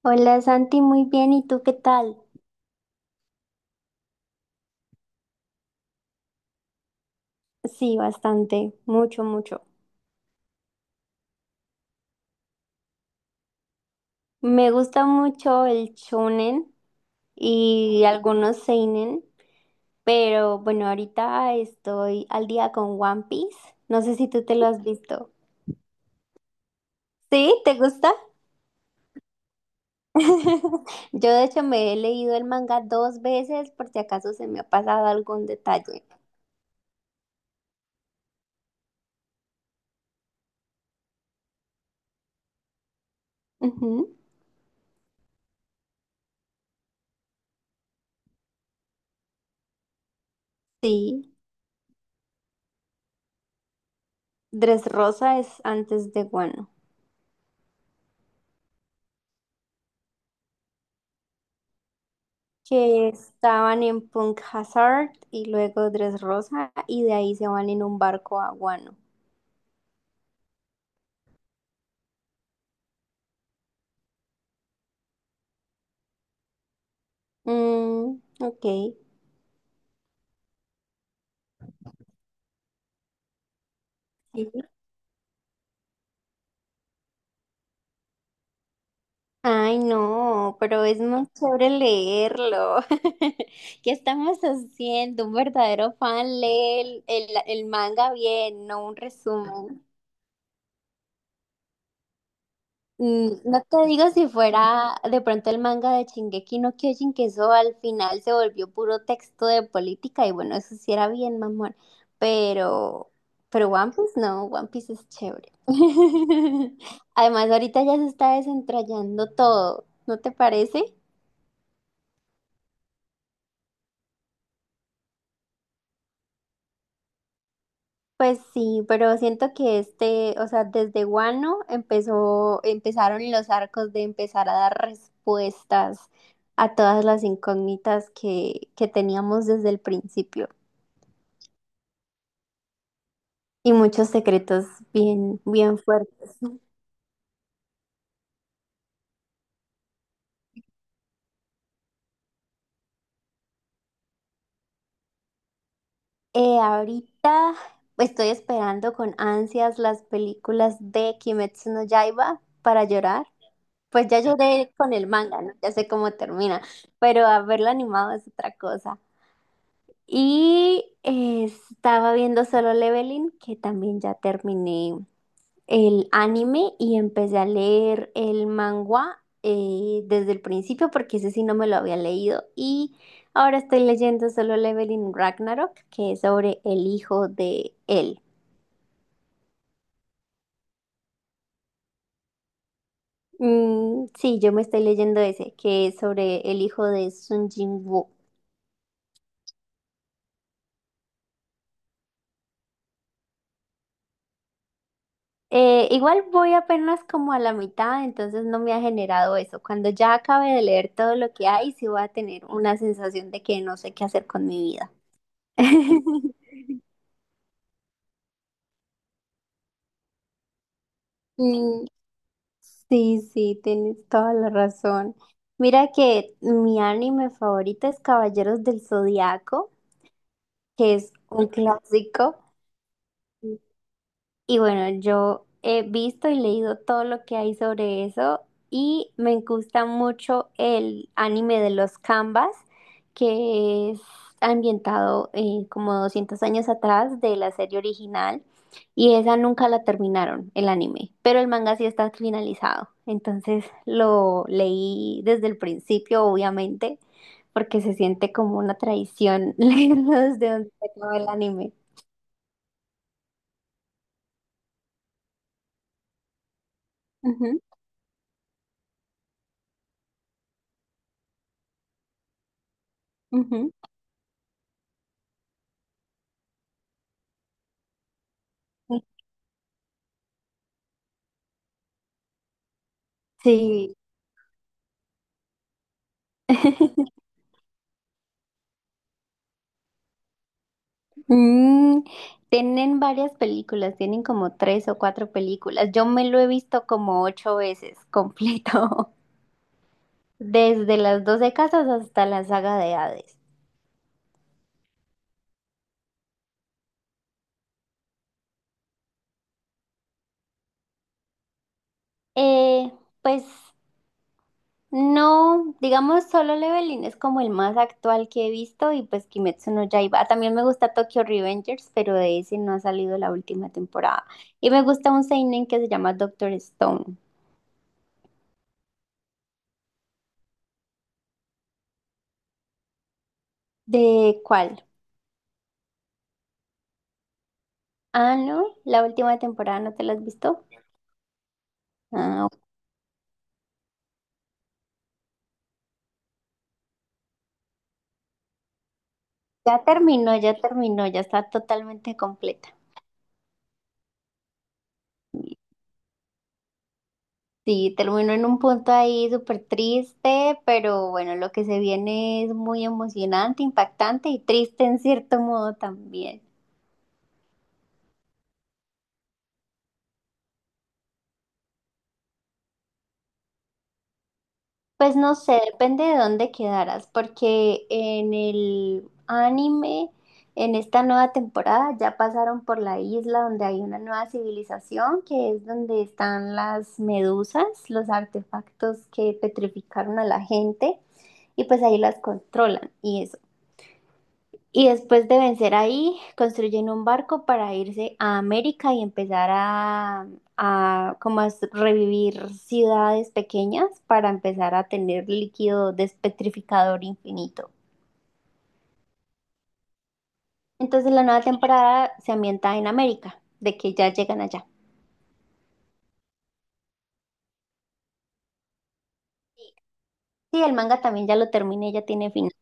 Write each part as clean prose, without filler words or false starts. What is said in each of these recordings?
Hola Santi, muy bien. ¿Y tú qué tal? Sí, bastante, mucho, mucho. Me gusta mucho el shonen y algunos seinen, pero bueno, ahorita estoy al día con One Piece. No sé si tú te lo has visto. ¿Sí? ¿Te gusta? Yo de hecho me he leído el manga dos veces por si acaso se me ha pasado algún detalle. Ujú. Sí. Dressrosa es antes de Wano. Que estaban en Punk Hazard y luego Dress Rosa y de ahí se van en un barco a Guano. Mm, ok. Sí. Ay, no, pero es muy chévere leerlo. ¿Qué estamos haciendo? Un verdadero fan lee el manga bien, no un resumen. No te digo si fuera de pronto el manga de Shingeki no Kyojin, que eso al final se volvió puro texto de política y bueno, eso sí era bien mamón, pero, pero One Piece no, One Piece es chévere. Además, ahorita ya se está desentrañando todo, ¿no te parece? Pues sí, pero siento que este, o sea, desde Guano empezaron los arcos de empezar a dar respuestas a todas las incógnitas que teníamos desde el principio y muchos secretos bien, bien fuertes. Ahorita estoy esperando con ansias las películas de Kimetsu no Yaiba para llorar. Pues ya lloré con el manga, ¿no? Ya sé cómo termina, pero haberlo animado es otra cosa. Y estaba viendo Solo Leveling, que también ya terminé el anime y empecé a leer el manga desde el principio porque ese sí no me lo había leído. Y ahora estoy leyendo Solo Leveling Ragnarok, que es sobre el hijo de él. Mm, sí, yo me estoy leyendo ese, que es sobre el hijo de Sun Jin. Igual voy apenas como a la mitad, entonces no me ha generado eso. Cuando ya acabe de leer todo lo que hay, sí voy a tener una sensación de que no sé qué hacer con mi vida. Mm, sí, sí, tienes toda la razón. Mira que mi anime favorito es Caballeros del Zodiaco, que es un clásico. Y bueno, yo he visto y leído todo lo que hay sobre eso y me gusta mucho el anime de los Canvas, que es ambientado como 200 años atrás de la serie original y esa nunca la terminaron, el anime, pero el manga sí está finalizado. Entonces lo leí desde el principio, obviamente, porque se siente como una traición leerlo desde donde se acaba el anime. Ujú, ujú. Sí. Mm, Tienen varias películas, tienen como tres o cuatro películas. Yo me lo he visto como ocho veces completo, desde las 12 casas hasta la saga de Hades. Eh, pues no, digamos Solo Leveling es como el más actual que he visto y pues Kimetsu no Yaiba. También me gusta Tokyo Revengers, pero de ese no ha salido la última temporada. Y me gusta un seinen que se llama Doctor Stone. ¿De cuál? Ah, no, la última temporada no te la has visto. Ah, ok. Ya terminó, ya terminó, ya está totalmente completa. Sí, terminó en un punto ahí súper triste, pero bueno, lo que se viene es muy emocionante, impactante y triste en cierto modo también. Pues no sé, depende de dónde quedaras, porque en el anime, en esta nueva temporada, ya pasaron por la isla donde hay una nueva civilización, que es donde están las medusas, los artefactos que petrificaron a la gente, y pues ahí las controlan y eso. Y después de vencer ahí, construyen un barco para irse a América y empezar a como revivir ciudades pequeñas para empezar a tener líquido despetrificador infinito. Entonces la nueva temporada se ambienta en América, de que ya llegan allá. Sí, el manga también ya lo terminé, ya tiene final.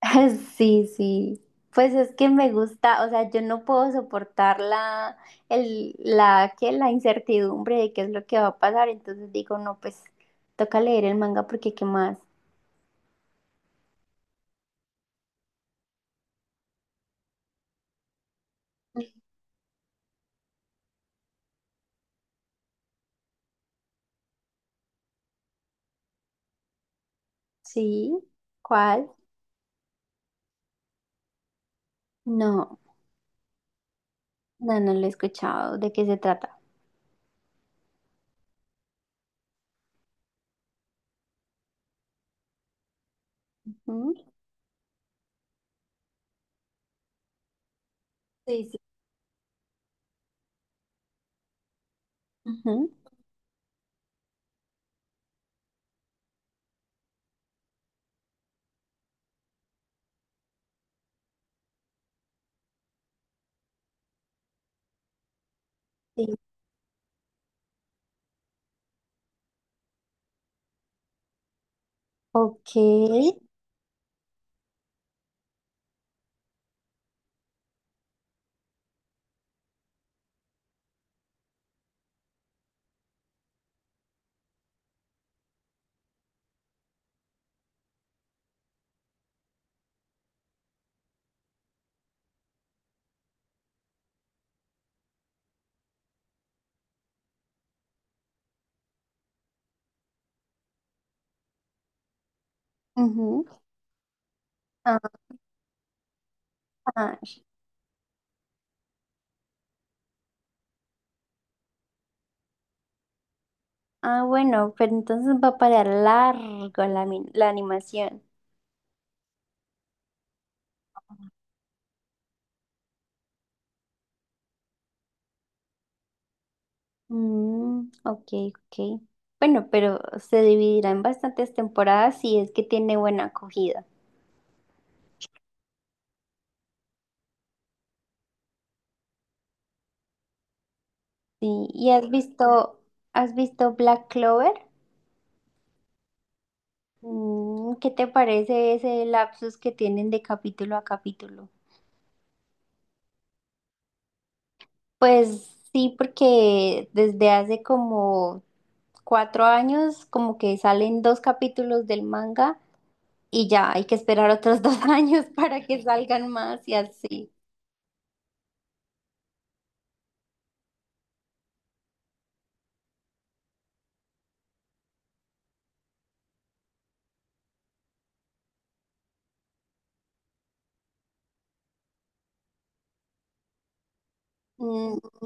Sí, sí. Pues es que me gusta, o sea, yo no puedo soportar la, el, la, que la incertidumbre de qué es lo que va a pasar. Entonces digo, no, pues toca leer el manga porque qué más. Sí, ¿cuál? No, no, no lo he escuchado. ¿De qué se trata? ¿Mm? Sí, sí. Ujú, sí. Ok. Ujú. Ah, ah, ah, bueno, pero entonces va a parar largo la animación. Mm, ok, ok. Bueno, pero se dividirá en bastantes temporadas si es que tiene buena acogida. Sí, ¿y has visto Black Clover? ¿Qué te parece ese lapsus que tienen de capítulo a capítulo? Pues sí, porque desde hace como 4 años como que salen dos capítulos del manga y ya hay que esperar otros 2 años para que salgan más y así. Mm,